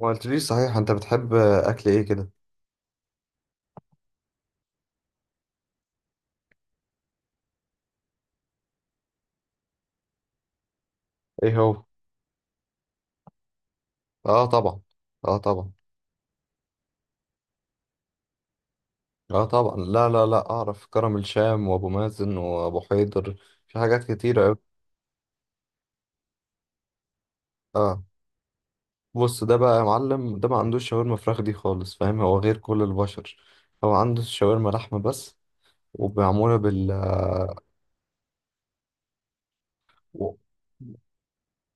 ما قلتليش صحيح انت بتحب اكل ايه كده؟ ايه هو؟ اه طبعا. اه طبعا. اه طبعا، لا لا لا اعرف كرم الشام وابو مازن وابو حيدر. في حاجات كتيره قوي. اه. بص، ده بقى يا معلم ده ما عندوش شاورما فراخ دي خالص، فاهم؟ هو غير كل البشر. هو عنده شاورما لحمه بس. ومعموله بال. و-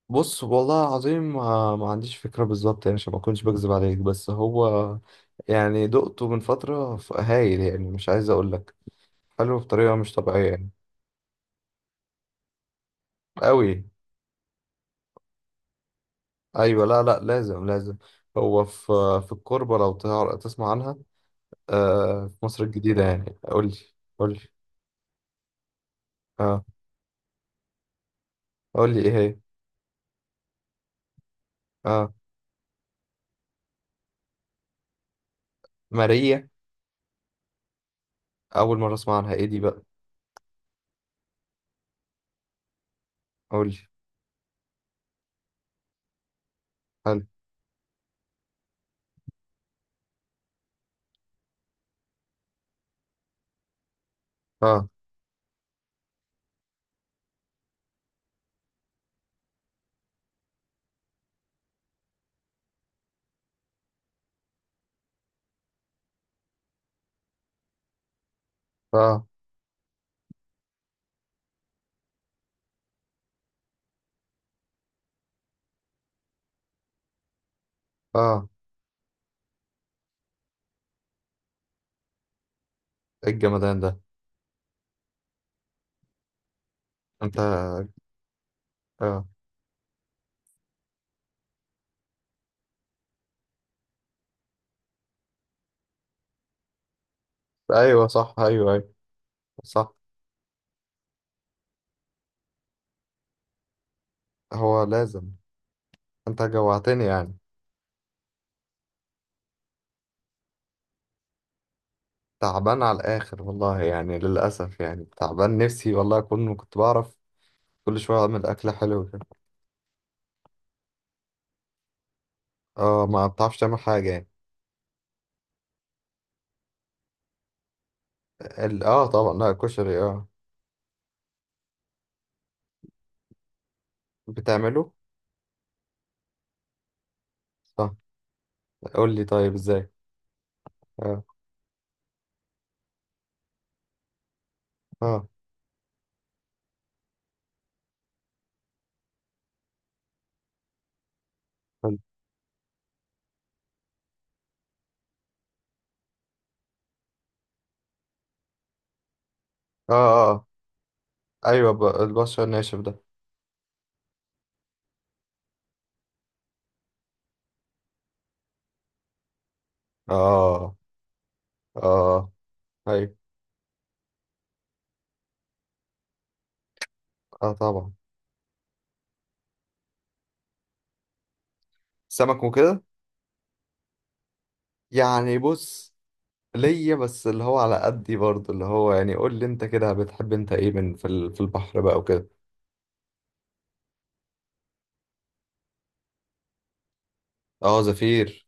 بص والله العظيم ما عنديش فكره بالظبط يعني، عشان ما اكونش بكذب عليك، بس هو. يعني دقته من فتره هايل يعني، مش عايز اقول لك. حلو بطريقه مش طبيعيه يعني. أوي. أيوة، لا لا لازم لازم. هو في. في الكوربة، لو تسمع عنها. آه، في مصر الجديدة يعني، قول لي. قول لي. اه. قول لي إيه هي. اه. ماريا. أول مرة أسمع عنها، إيه دي بقى؟ قول لي. حلو. اه. اه. اه. إيه الجمدان ده؟ أنت. اه. أيوة صح، أيوة أيوة. صح. هو لازم. أنت جوعتني يعني. تعبان على الآخر والله يعني، للأسف يعني تعبان، نفسي والله أكون كنت بعرف كل شوية أعمل أكلة حلوة. اه، ما بتعرفش تعمل حاجة يعني. اه طبعا، لا كشري اه. بتعمله. صح. قول لي طيب، ازاي؟ اه، اه. قول. اه، اه، آه. ايوه، البشر الناشف ده. اه، اه. ايوه. اه طبعا. سمك وكده. يعني بص، ليا بس اللي هو على قدي برضه، اللي هو يعني قول لي انت كده، بتحب انت ايه من في البحر بقى وكده. اه، زفير.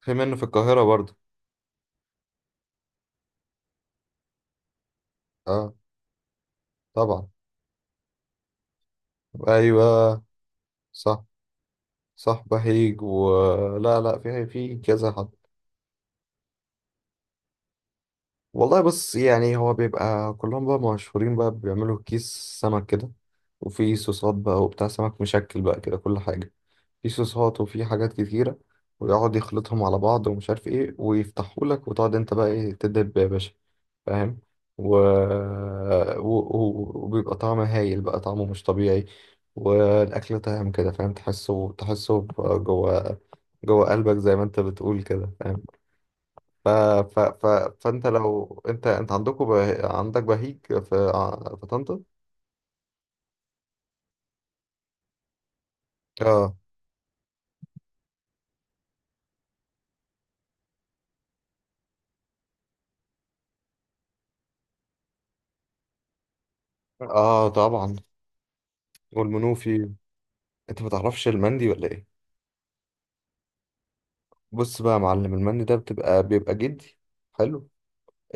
في منه في القاهرة برضه. اه طبعا. ايوه صح صح، بهيج. لا لا، في كذا حد. والله بص يعني، هو بيبقى كلهم بقى مشهورين، بقى بيعملوا كيس سمك كده. وفي صوصات بقى وبتاع، سمك مشكل بقى كده كل حاجة. في صوصات وفي حاجات كتيرة. ويقعد يخلطهم على بعض ومش عارف ايه، ويفتحوا لك وتقعد انت بقى ايه تدب يا باشا، فاهم. و... وبيبقى طعمه هايل بقى، طعمه مش طبيعي. والأكل طعم كده، فاهم؟ تحسه تحسه جوه، جوه قلبك زي ما انت بتقول كده، فاهم. ف... ف... ف... فانت لو انت عندكم عندك بهيج في طنطا. اه. اه طبعا. والمنوفي. انت ما تعرفش المندي ولا ايه؟ بص بقى يا معلم، المندي ده بيبقى جدي. حلو.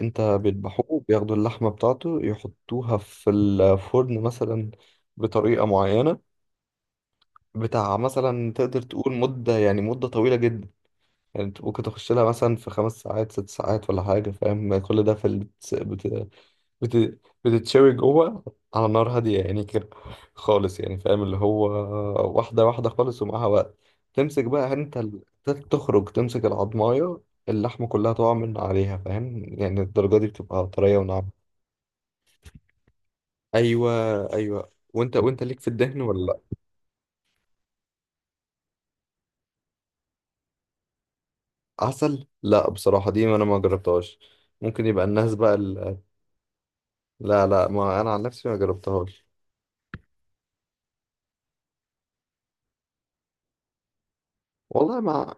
انت بيذبحوه، بياخدوا اللحمه بتاعته يحطوها في الفرن مثلا بطريقه معينه. بتاع مثلا تقدر تقول مده، يعني مده طويله جدا. يعني انت ممكن تخش لها مثلا في 5 ساعات 6 ساعات ولا حاجه، فاهم؟ كل ده في بتتشوي جوه على نار هادية يعني كده، خالص يعني، فاهم؟ اللي هو واحدة واحدة خالص، ومعاها وقت. تمسك بقى انت تخرج تمسك العضماية، اللحمة كلها تقع من عليها، فاهم؟ يعني الدرجة دي بتبقى طرية وناعمة. ايوه ايوه. وانت ليك في الدهن ولا لأ؟ عسل، لا بصراحة دي انا ما جربتهاش. ممكن يبقى الناس بقى لا لا، ما انا عن نفسي ما جربتهاش. والله ما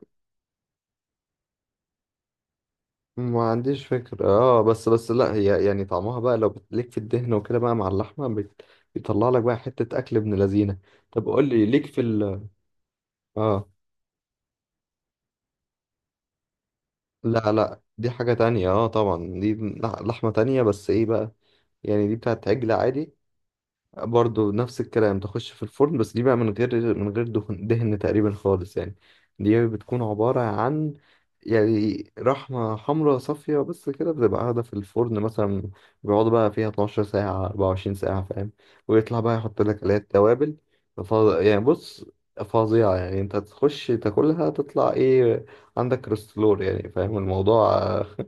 ما عنديش فكرة، اه بس لا هي يعني طعمها بقى لو ليك في الدهن وكده بقى مع اللحمة بيطلع لك بقى حتة أكل ابن لذينة. طب قول لي، ليك في اه. لا لا، دي حاجة تانية، اه طبعا دي لحمة تانية، بس ايه بقى؟ يعني دي بتاعت عجل عادي. برضو نفس الكلام، تخش في الفرن، بس دي بقى من غير دهن دهن تقريبا خالص يعني. دي بتكون عبارة عن، يعني رحمة حمراء صافية بس كده، بتبقى قاعدة في الفرن مثلا، بيقعدوا بقى فيها 12 ساعة 24 ساعة، فاهم؟ ويطلع بقى يحط لك عليها التوابل. فظ- يعني بص، فظيعة يعني انت تخش تاكلها تطلع، ايه عندك كوليسترول يعني، فاهم الموضوع؟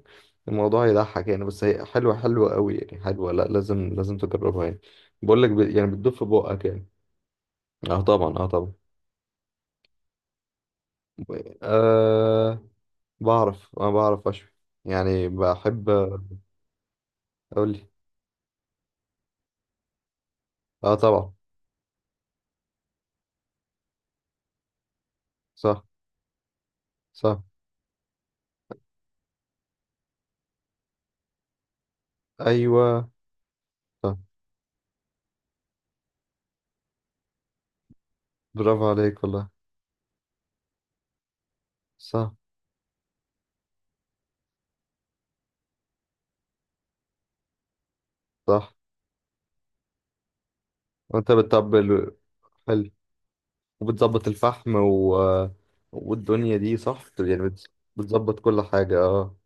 الموضوع يضحك يعني، بس هي حلوة حلوة قوي يعني، حلوة، لا لازم لازم تجربها يعني. بقول لك يعني بتدوب في بقك يعني. اه طبعا، اه طبعا. آه. انا بعرف اشوي، يعني بحب. اقول لي. اه طبعا. صح صح. ايوه. صح. برافو عليك والله. صح صح. وانت بتطبل. حلو. وبتظبط الفحم. والدنيا دي صح يعني، بتظبط كل حاجة، اه.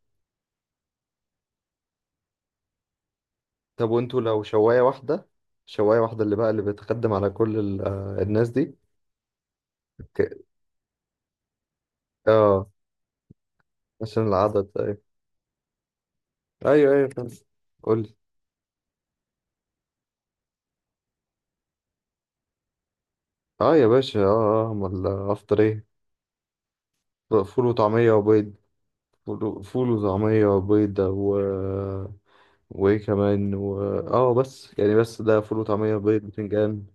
طب وانتوا لو شواية واحدة، شواية واحدة اللي بتخدم على كل ال... آه، الناس دي. ك... اه، عشان العدد. ايوه ايوه، فاهم. قول لي. اه يا باشا، اه اه، امال افطر ايه؟ فول وطعميه وبيض. فول فول وطعميه وبيض. وايه كمان. اه بس يعني، بس ده فول وطعميه وبيض بتنجان.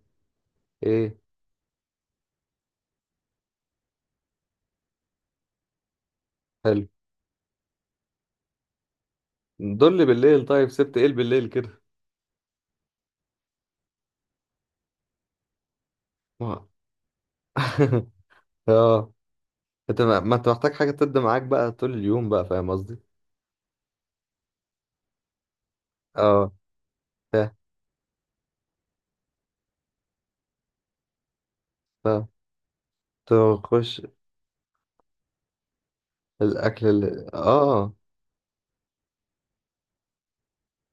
ايه؟ حلو. دول لي بالليل، طيب سبت ايه بالليل كده؟ ما- اه، انت ما انت محتاج حاجه تبدا معاك بقى طول اليوم بقى، فاهم قصدي؟ اه، فاهم فاهم. تخش الاكل اه، اه،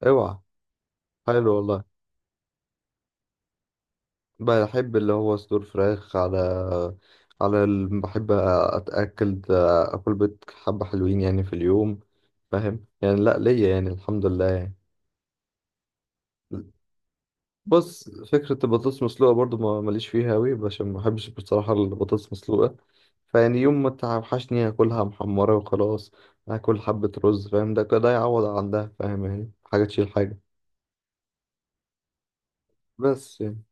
اوعى. حلو والله. بحب اللي هو صدور فراخ على، بحب اتاكل اكل بيض، حبه حلوين يعني في اليوم، فاهم يعني، لا ليا يعني الحمد لله يعني. بص فكره البطاطس مسلوقه برضو ما ماليش فيها قوي، عشان ما بحبش بصراحه البطاطس مسلوقه. فيعني يوم ما توحشني اكلها محمره وخلاص. اكل حبه رز، فاهم؟ ده كده يعوض عن ده، فاهم؟ يعني حاجه تشيل حاجه. بس يعني.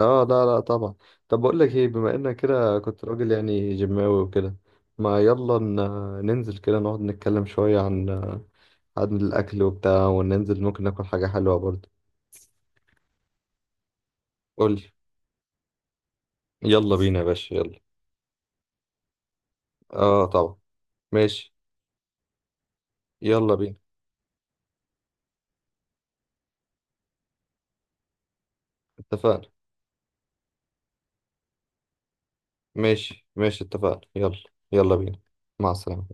اه، لا لا طبعا. طب بقول لك ايه، بما انك كده كنت راجل يعني جيماوي وكده، ما يلا ننزل كده نقعد نتكلم شوية عن الأكل وبتاع، وننزل ممكن ناكل حاجة حلوة برضه. قول لي. يلا بينا يا باشا، يلا. اه طبعا. ماشي. يلا بينا. اتفقنا. ماشي ماشي، اتفقنا، يلا. يلا بينا. مع السلامة.